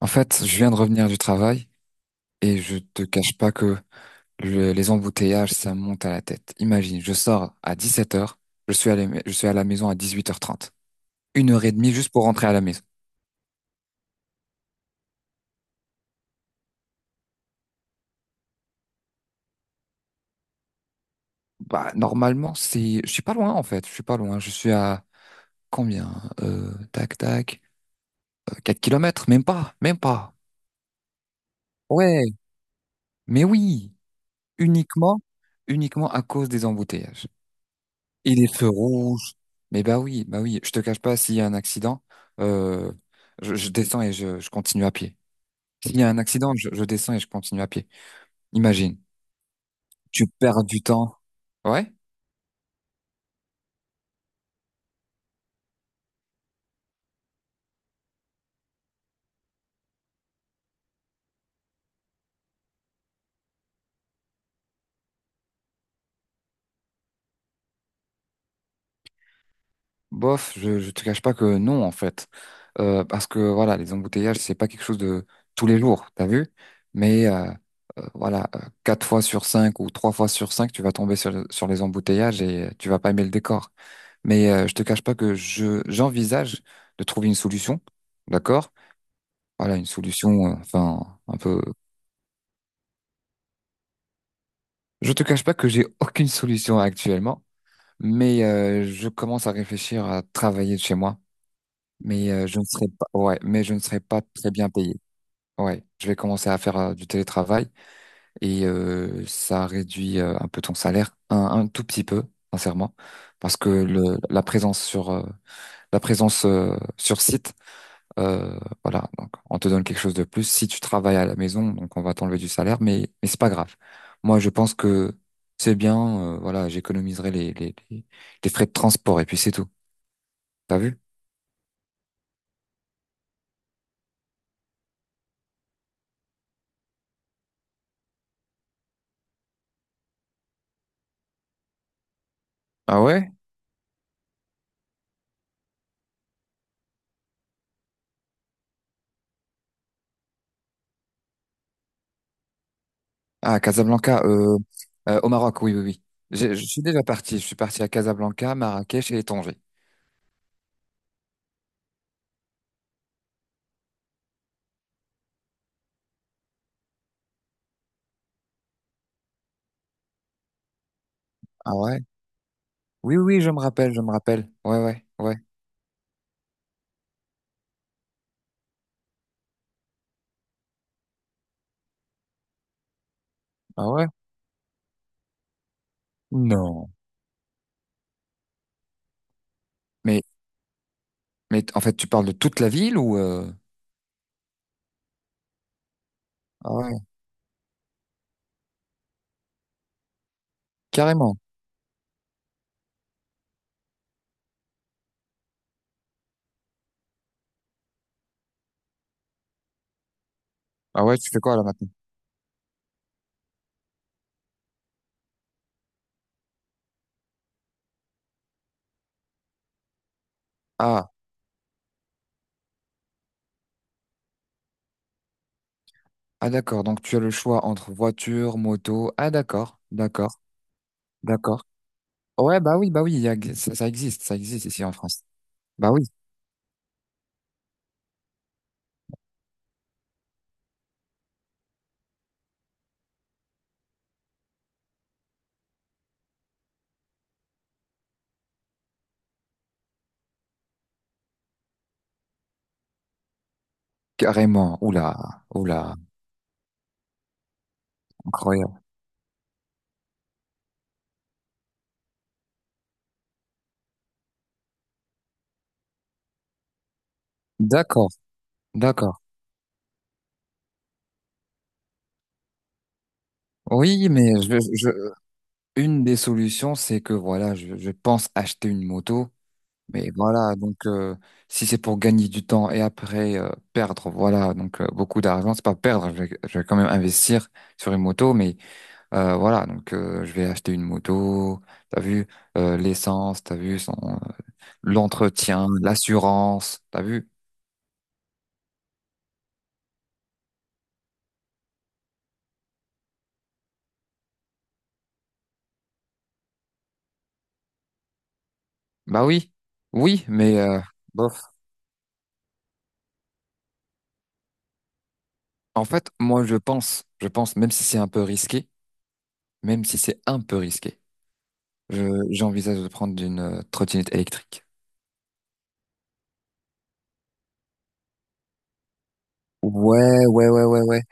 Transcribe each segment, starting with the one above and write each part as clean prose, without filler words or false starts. En fait, je viens de revenir du travail et je te cache pas que les embouteillages, ça me monte à la tête. Imagine, je sors à 17 heures, je suis à la maison à 18h30. Une heure et demie juste pour rentrer à la maison. Bah, normalement, c'est, je suis pas loin, en fait. Je suis pas loin. Je suis à combien? Tac, tac. 4 kilomètres, même pas, même pas. Ouais, mais oui, uniquement, uniquement à cause des embouteillages. Et les feux rouges. Mais bah oui, je te cache pas, s'il y a un accident, euh, je descends et je continue à pied. S'il y a un accident, je descends et je continue à pied. Imagine, tu perds du temps. Ouais, bof, je te cache pas que non, en fait. Parce que voilà, les embouteillages, c'est pas quelque chose de tous les jours, t'as vu? Mais voilà, quatre fois sur cinq ou trois fois sur cinq, tu vas tomber sur les embouteillages et tu vas pas aimer le décor. Mais je te cache pas que je j'envisage de trouver une solution, d'accord? Voilà, une solution, enfin, un peu. Je te cache pas que j'ai aucune solution actuellement, mais je commence à réfléchir à travailler de chez moi. Mais je ne serai pas, ouais, mais je ne serai pas très bien payé. Ouais, je vais commencer à faire du télétravail et ça réduit un peu ton salaire, un tout petit peu, sincèrement, parce que la présence sur site. Euh, voilà, donc on te donne quelque chose de plus. Si tu travailles à la maison, donc on va t'enlever du salaire, mais c'est pas grave. Moi, je pense que c'est bien. Voilà, j'économiserai les frais de transport et puis c'est tout. T'as vu? Ah ouais? Ah Casablanca, au Maroc, oui oui oui. Je suis déjà parti. Je suis parti à Casablanca, Marrakech et Tanger. Ah ouais? Oui oui, oui, je me rappelle, je me rappelle. Ouais ouais ouais. Ah ouais? Non. Mais mais en fait, tu parles de toute la ville ou. Ah ouais, carrément. Ah ouais, tu fais quoi là maintenant? Ah d'accord, donc tu as le choix entre voiture, moto. Ah d'accord, d'accord, d'accord. Ouais, bah oui, ça, ça existe ici en France. Bah oui, carrément. Oula, oula, incroyable. D'accord, d'accord. Oui, une des solutions, c'est que voilà, je pense acheter une moto, mais voilà, donc si c'est pour gagner du temps et après perdre, voilà, donc beaucoup d'argent, c'est pas perdre, je vais quand même investir sur une moto, mais. Voilà, donc je vais acheter une moto, t'as vu, l'essence, t'as vu, son, l'entretien, l'assurance, t'as vu? Bah oui, oui, mais bof. En fait, moi je pense, même si c'est un peu risqué, même si c'est un peu risqué, j'envisage de prendre une trottinette électrique. Ouais, ouais, ouais, ouais, ouais.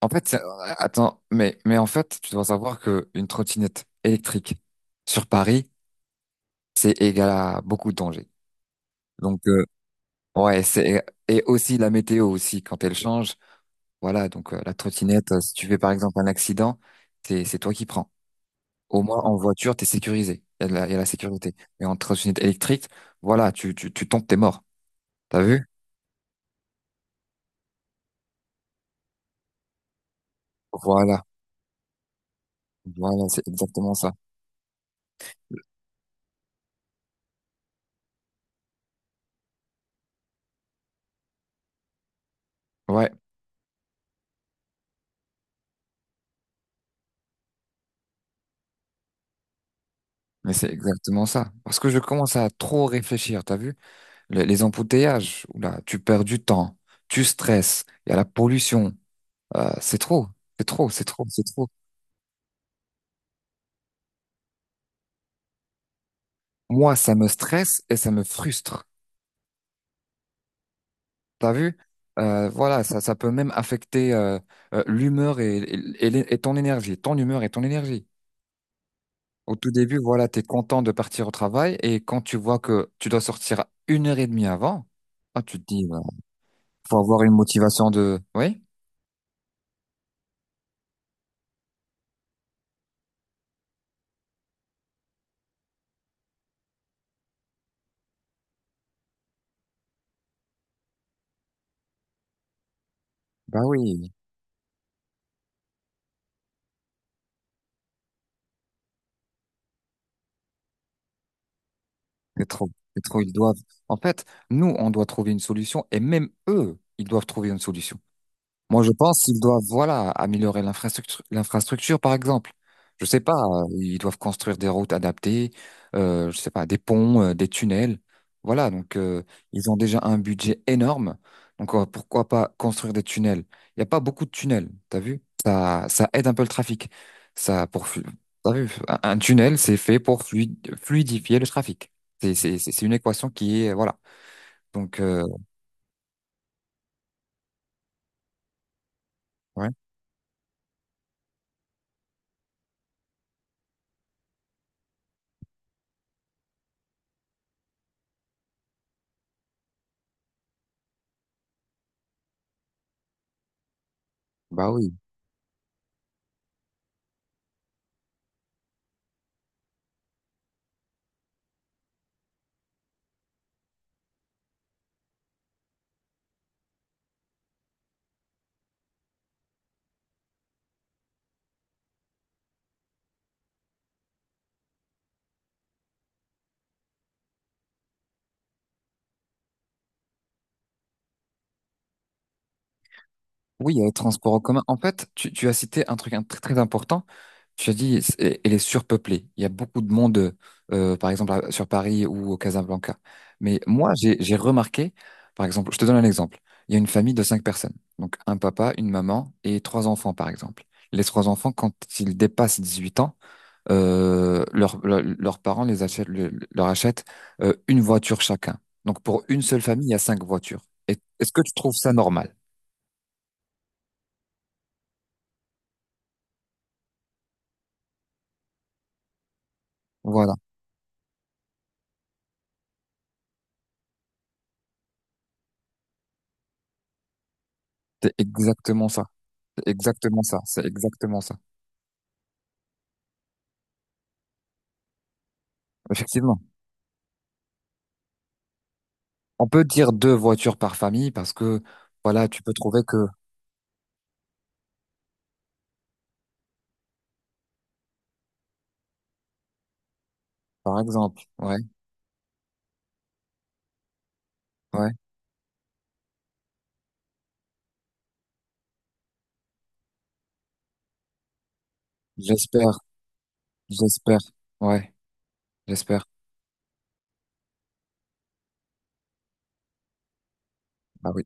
En fait, attends, mais en fait, tu dois savoir que une trottinette électrique sur Paris, c'est égal à beaucoup de dangers. Donc, ouais, c'est et aussi la météo aussi quand elle change. Voilà, donc la trottinette, si tu fais par exemple un accident, c'est toi qui prends. Au moins en voiture, t'es sécurisé. Il y a la sécurité. Mais en trottinette électrique, voilà, tu tombes, t'es mort. T'as vu? Voilà, voilà, c'est exactement ça. Ouais, mais c'est exactement ça. Parce que je commence à trop réfléchir. T'as vu? Les embouteillages, là, tu perds du temps, tu stresses. Il y a la pollution. C'est trop, c'est trop, c'est trop, c'est trop. Moi, ça me stresse et ça me frustre. T'as vu? Voilà, ça peut même affecter l'humeur et ton énergie, ton humeur et ton énergie. Au tout début, voilà, t'es content de partir au travail et quand tu vois que tu dois sortir une heure et demie avant, ah, tu te dis, bah, faut avoir une motivation de, oui? Bah oui, c'est trop, c'est trop, ils doivent. En fait, nous, on doit trouver une solution et même eux, ils doivent trouver une solution. Moi, je pense qu'ils doivent, voilà, améliorer l'infrastructure, l'infrastructure, par exemple. Je sais pas, ils doivent construire des routes adaptées, je sais pas, des ponts, des tunnels. Voilà, donc ils ont déjà un budget énorme. Donc pourquoi pas construire des tunnels? Il n'y a pas beaucoup de tunnels, t'as vu? Ça aide un peu le trafic. Ça, pour, flu- T'as vu? Un tunnel, c'est fait pour fluidifier le trafic. C'est une équation qui est, voilà. Donc, ouais, bah oui. Oui, il y a les transports en commun. En fait, tu as cité un truc très très important. Tu as dit, elle est surpeuplée. Il y a beaucoup de monde, par exemple, sur Paris ou au Casablanca. Mais moi, j'ai remarqué, par exemple, je te donne un exemple. Il y a une famille de cinq personnes. Donc, un papa, une maman et trois enfants, par exemple. Les trois enfants, quand ils dépassent 18 ans, leurs parents les achètent, leur achètent une voiture chacun. Donc, pour une seule famille, il y a cinq voitures. Est-ce que tu trouves ça normal? Voilà. C'est exactement ça. C'est exactement ça. C'est exactement ça. Effectivement. On peut dire deux voitures par famille parce que, voilà, tu peux trouver que, par exemple, ouais, ouais, j'espère, j'espère, ouais, j'espère. Bah oui.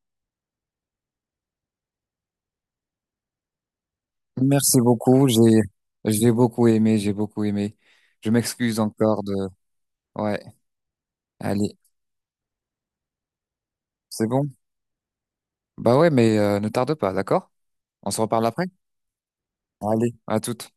Merci beaucoup. J'ai beaucoup aimé, j'ai beaucoup aimé. Je m'excuse encore de, ouais, allez, c'est bon? Bah ouais, mais ne tarde pas, d'accord? On se reparle après? Allez, à toute.